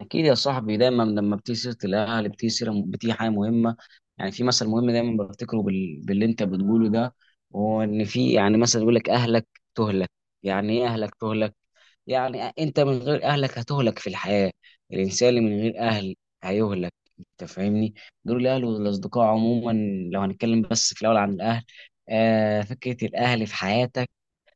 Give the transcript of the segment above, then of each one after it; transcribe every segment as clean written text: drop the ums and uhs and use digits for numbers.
اكيد يا صاحبي، دايما لما بتيجي سيره الاهل بتيجي سيره، بتيجي حاجه مهمه. يعني في مثل مهم دايما بفتكره باللي انت بتقوله ده. هو ان في يعني مثلا يقول لك اهلك تهلك. يعني ايه اهلك تهلك؟ يعني انت من غير اهلك هتهلك في الحياه. الانسان اللي من غير اهل هيهلك، انت فاهمني. دول الاهل والاصدقاء عموما. لو هنتكلم بس في الاول عن الاهل، آه، فكره الاهل في حياتك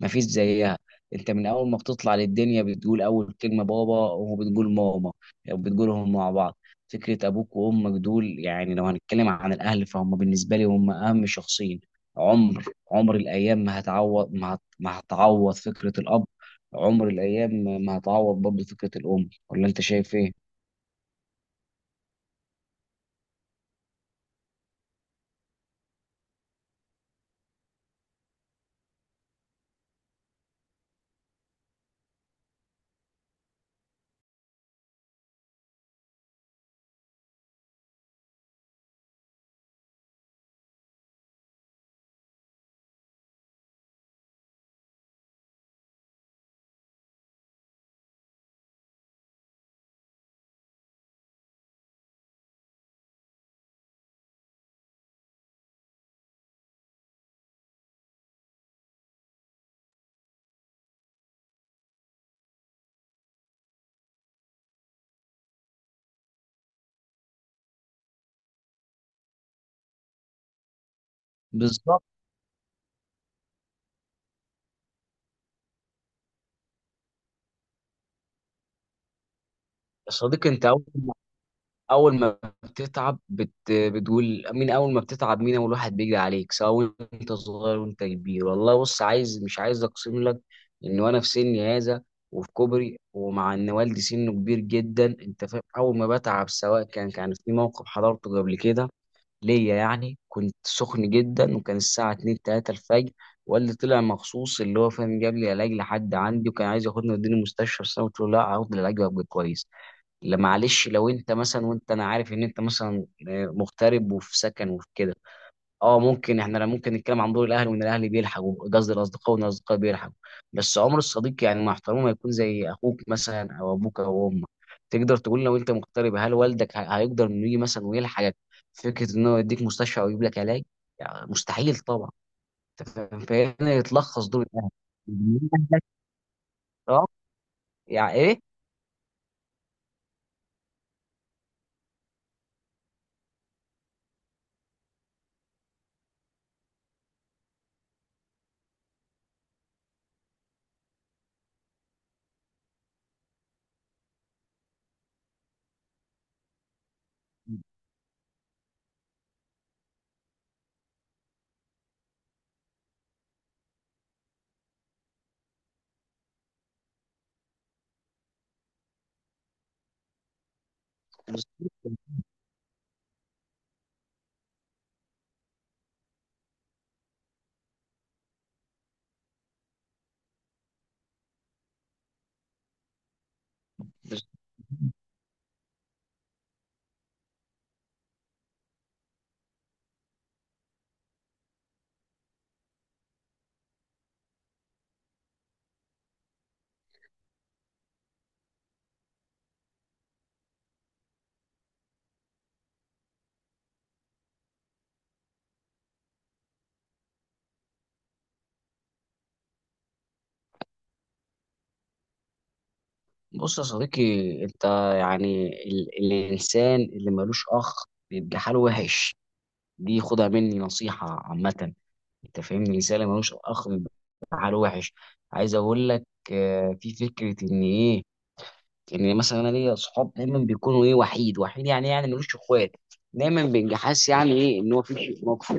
مفيش زيها. انت من اول ما بتطلع للدنيا بتقول اول كلمه بابا وبتقول ماما، وبتقولهم مع بعض. فكره ابوك وامك دول، يعني لو هنتكلم عن الاهل، فهم بالنسبه لي هم اهم شخصين. عمر، عمر الايام ما هتعوض، ما هتعوض فكره الاب. عمر الايام ما هتعوض برضه فكره الام، ولا انت شايف ايه؟ بالظبط. يا صديقي انت اول ما بتتعب بتقول مين اول ما بتتعب، مين اول واحد بيجري عليك سواء انت صغير وانت كبير؟ والله بص، عايز مش عايز اقسم لك ان وانا في سني هذا وفي كبري، ومع ان والدي سنه كبير جدا، انت فاهم، اول ما بتعب، سواء كان في موقف حضرته قبل كده ليا، يعني كنت سخن جدا وكان الساعه 2 3 الفجر، والدي طلع مخصوص اللي هو فاهم، جاب لي علاج لحد عندي، وكان عايز ياخدني ويوديني المستشفى، بس انا قلت له لا، هاخد العلاج وابقى كويس. لا معلش، لو انت مثلا وانت انا عارف ان انت مثلا آه، مغترب وفي سكن وفي كده، اه ممكن احنا، لا، ممكن نتكلم عن دور الاهل وان الاهل بيلحقوا، قصدي الاصدقاء وان الاصدقاء بيلحقوا. بس عمر الصديق، يعني مع احترامه، ما يكون زي اخوك مثلا او ابوك او امك. تقدر تقول لو انت مغترب، هل والدك هيقدر انه يجي مثلا ويلحقك في فكره انه يديك مستشفى او يجيب لك علاج؟ يعني مستحيل طبعا. انت فاهم؟ فهنا يتلخص دور الاهل. اه. يعني ايه؟ بالظبط. بص يا صديقي، انت، يعني الانسان اللي ملوش اخ بيبقى حاله وحش. دي خدها مني نصيحه عامه. انت فاهمني، الانسان اللي ملوش اخ بيبقى حاله وحش. عايز اقول لك آه، في فكره ان ايه، ان مثلا انا ليا صحاب دايما بيكونوا ايه، وحيد وحيد، يعني ملوش اخوات، دايما بيبقى حاسس يعني ايه، ان هو في شيء ناقص.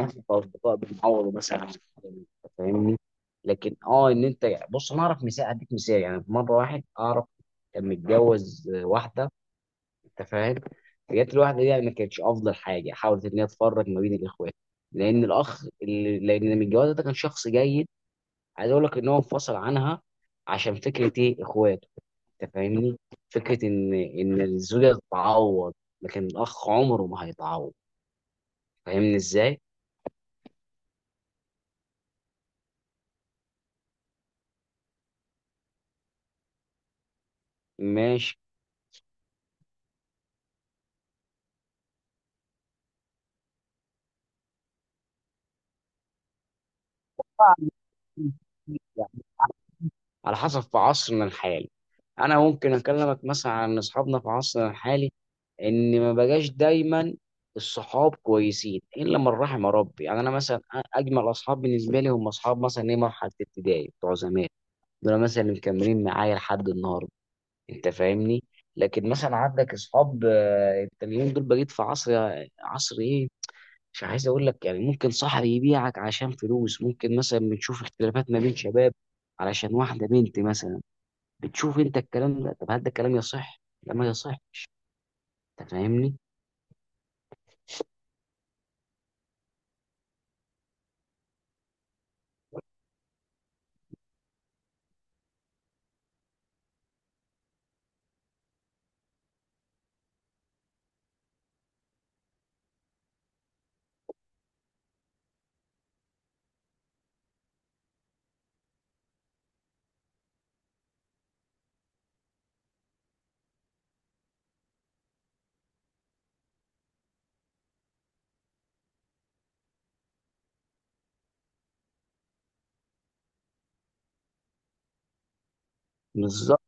احنا كاصدقاء بنعوضه مثلا عن الحاجة دي، أنت فاهمني. لكن اه، ان انت بص، انا اعرف مثال، اديك مثال، يعني في مره واحد اعرف كان متجوز واحده، انت فاهم، جت الواحده دي يعني ما كانتش افضل حاجه، حاولت ان هي تفرق ما بين الاخوات، لان الاخ اللي، لان من الجواز ده كان شخص جيد. عايز اقول لك ان هو انفصل عنها، عشان فكره ايه، اخوات. انت فاهمني؟ فكره ان الزوجه تتعوض، لكن الاخ عمره ما هيتعوض. فاهمني ازاي؟ ماشي. على حسب، في عصرنا الحالي، انا ممكن اكلمك مثلا عن اصحابنا في عصرنا الحالي، ان ما بقاش دايما الصحاب كويسين الا من رحم ربي. يعني انا مثلا اجمل اصحاب بالنسبه لي هم اصحاب مثلا ايه، مرحله ابتدائي بتوع زمان، دول مثلا اللي مكملين معايا لحد النهارده. انت فاهمني. لكن مثلا عندك اصحاب آه، انت اليومين دول بقيت في عصر، عصر ايه، مش عايز اقول لك، يعني ممكن صاحب يبيعك عشان فلوس، ممكن مثلا بنشوف اختلافات ما بين شباب علشان واحده بنت مثلا. بتشوف انت الكلام ده؟ طب هل ده الكلام يصح لما يصح؟ انت فاهمني. بالظبط.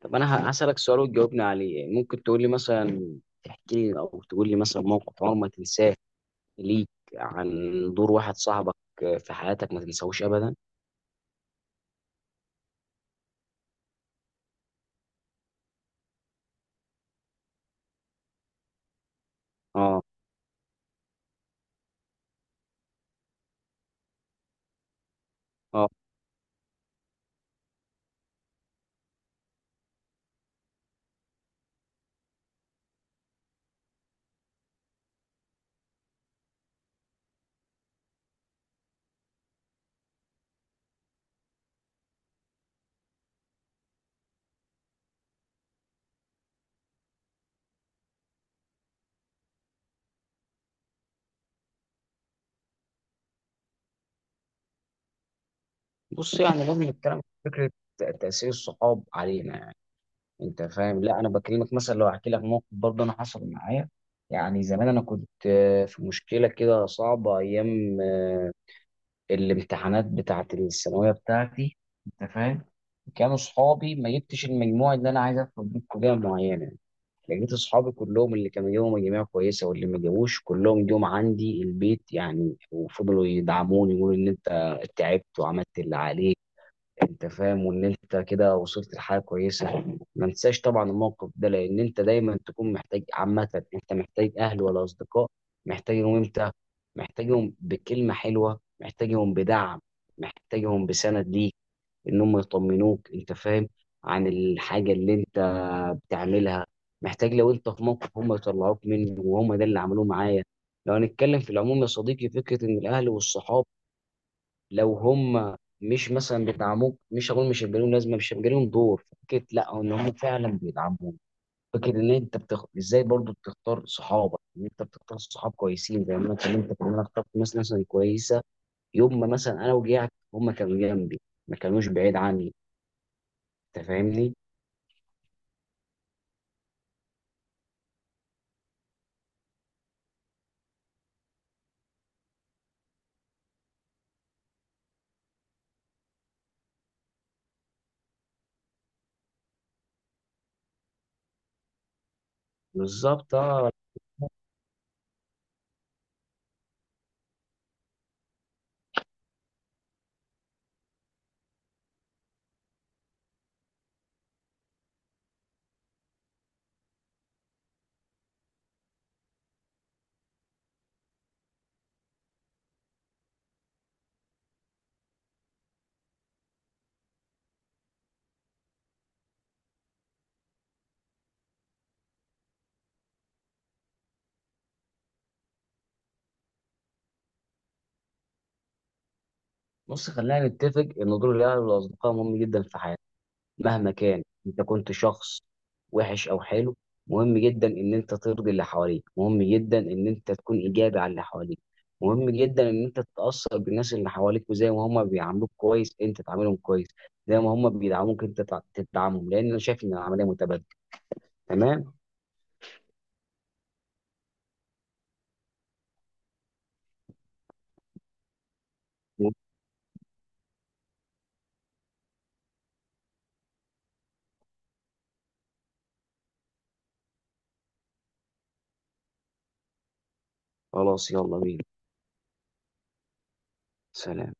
طب انا هسألك سؤال وتجاوبني عليه. يعني ممكن تقول لي مثلا، تحكي لي او تقول لي مثلا موقف عمرك ما تنساه ليك، عن دور واحد صاحبك في حياتك ما تنساهوش ابدا؟ اه. اه. بص، يعني لازم نتكلم في فكره تاثير الصحاب علينا، يعني انت فاهم، لا انا بكلمك مثلا، لو احكي لك موقف برضه انا حصل معايا. يعني زمان انا كنت آه، في مشكله كده صعبه، ايام آه، الامتحانات بتاعه الثانويه بتاعتي، انت فاهم، كانوا صحابي، ما جبتش المجموع اللي انا عايز ادخل بيه كليه معينه، لقيت اصحابي كلهم، اللي كانوا جابوا مجاميع كويسه واللي ما جابوش، كلهم جم عندي البيت يعني، وفضلوا يدعموني يقولوا ان انت تعبت وعملت اللي عليك، انت فاهم، وان انت كده وصلت لحاجه كويسه. ما انساش طبعا الموقف ده، لان انت دايما تكون محتاج، عامه انت محتاج اهل ولا اصدقاء. محتاجهم امتى؟ محتاجهم بكلمه حلوه، محتاجهم بدعم، محتاجهم بسند ليك، ان هم يطمنوك انت فاهم، عن الحاجه اللي انت بتعملها. محتاج لو انت في موقف هم يطلعوك منه، وهم ده اللي عملوه معايا. لو هنتكلم في العموم يا صديقي، فكره ان الاهل والصحاب لو هم مش مثلا بيدعموك، مش هقول مش هيبقى لهم لازمه، مش هيبقى لهم دور، فكره لا، ان هم فعلا بيدعموك. فكره ان انت ازاي برضو بتختار صحابك، ان انت بتختار صحاب كويسين، زي ما اتكلمت ان انا اخترت ناس مثلا كويسه. يوم ما مثلا انا وجعت هم كانوا جنبي، ما كانوش بعيد عني. انت فاهمني. بالظبط. اه. بص، خلينا نتفق ان دور الاهل والاصدقاء مهم جدا في حياتنا. مهما كان انت كنت شخص وحش او حلو، مهم جدا ان انت ترضي اللي حواليك، مهم جدا ان انت تكون ايجابي على اللي حواليك، مهم جدا ان انت تتاثر بالناس اللي حواليك، وزي ما هم بيعاملوك كويس انت تعاملهم كويس، زي ما هم بيدعموك انت تدعمهم، لان انا شايف ان العمليه متبادله. تمام. خلاص، يلا بينا. سلام.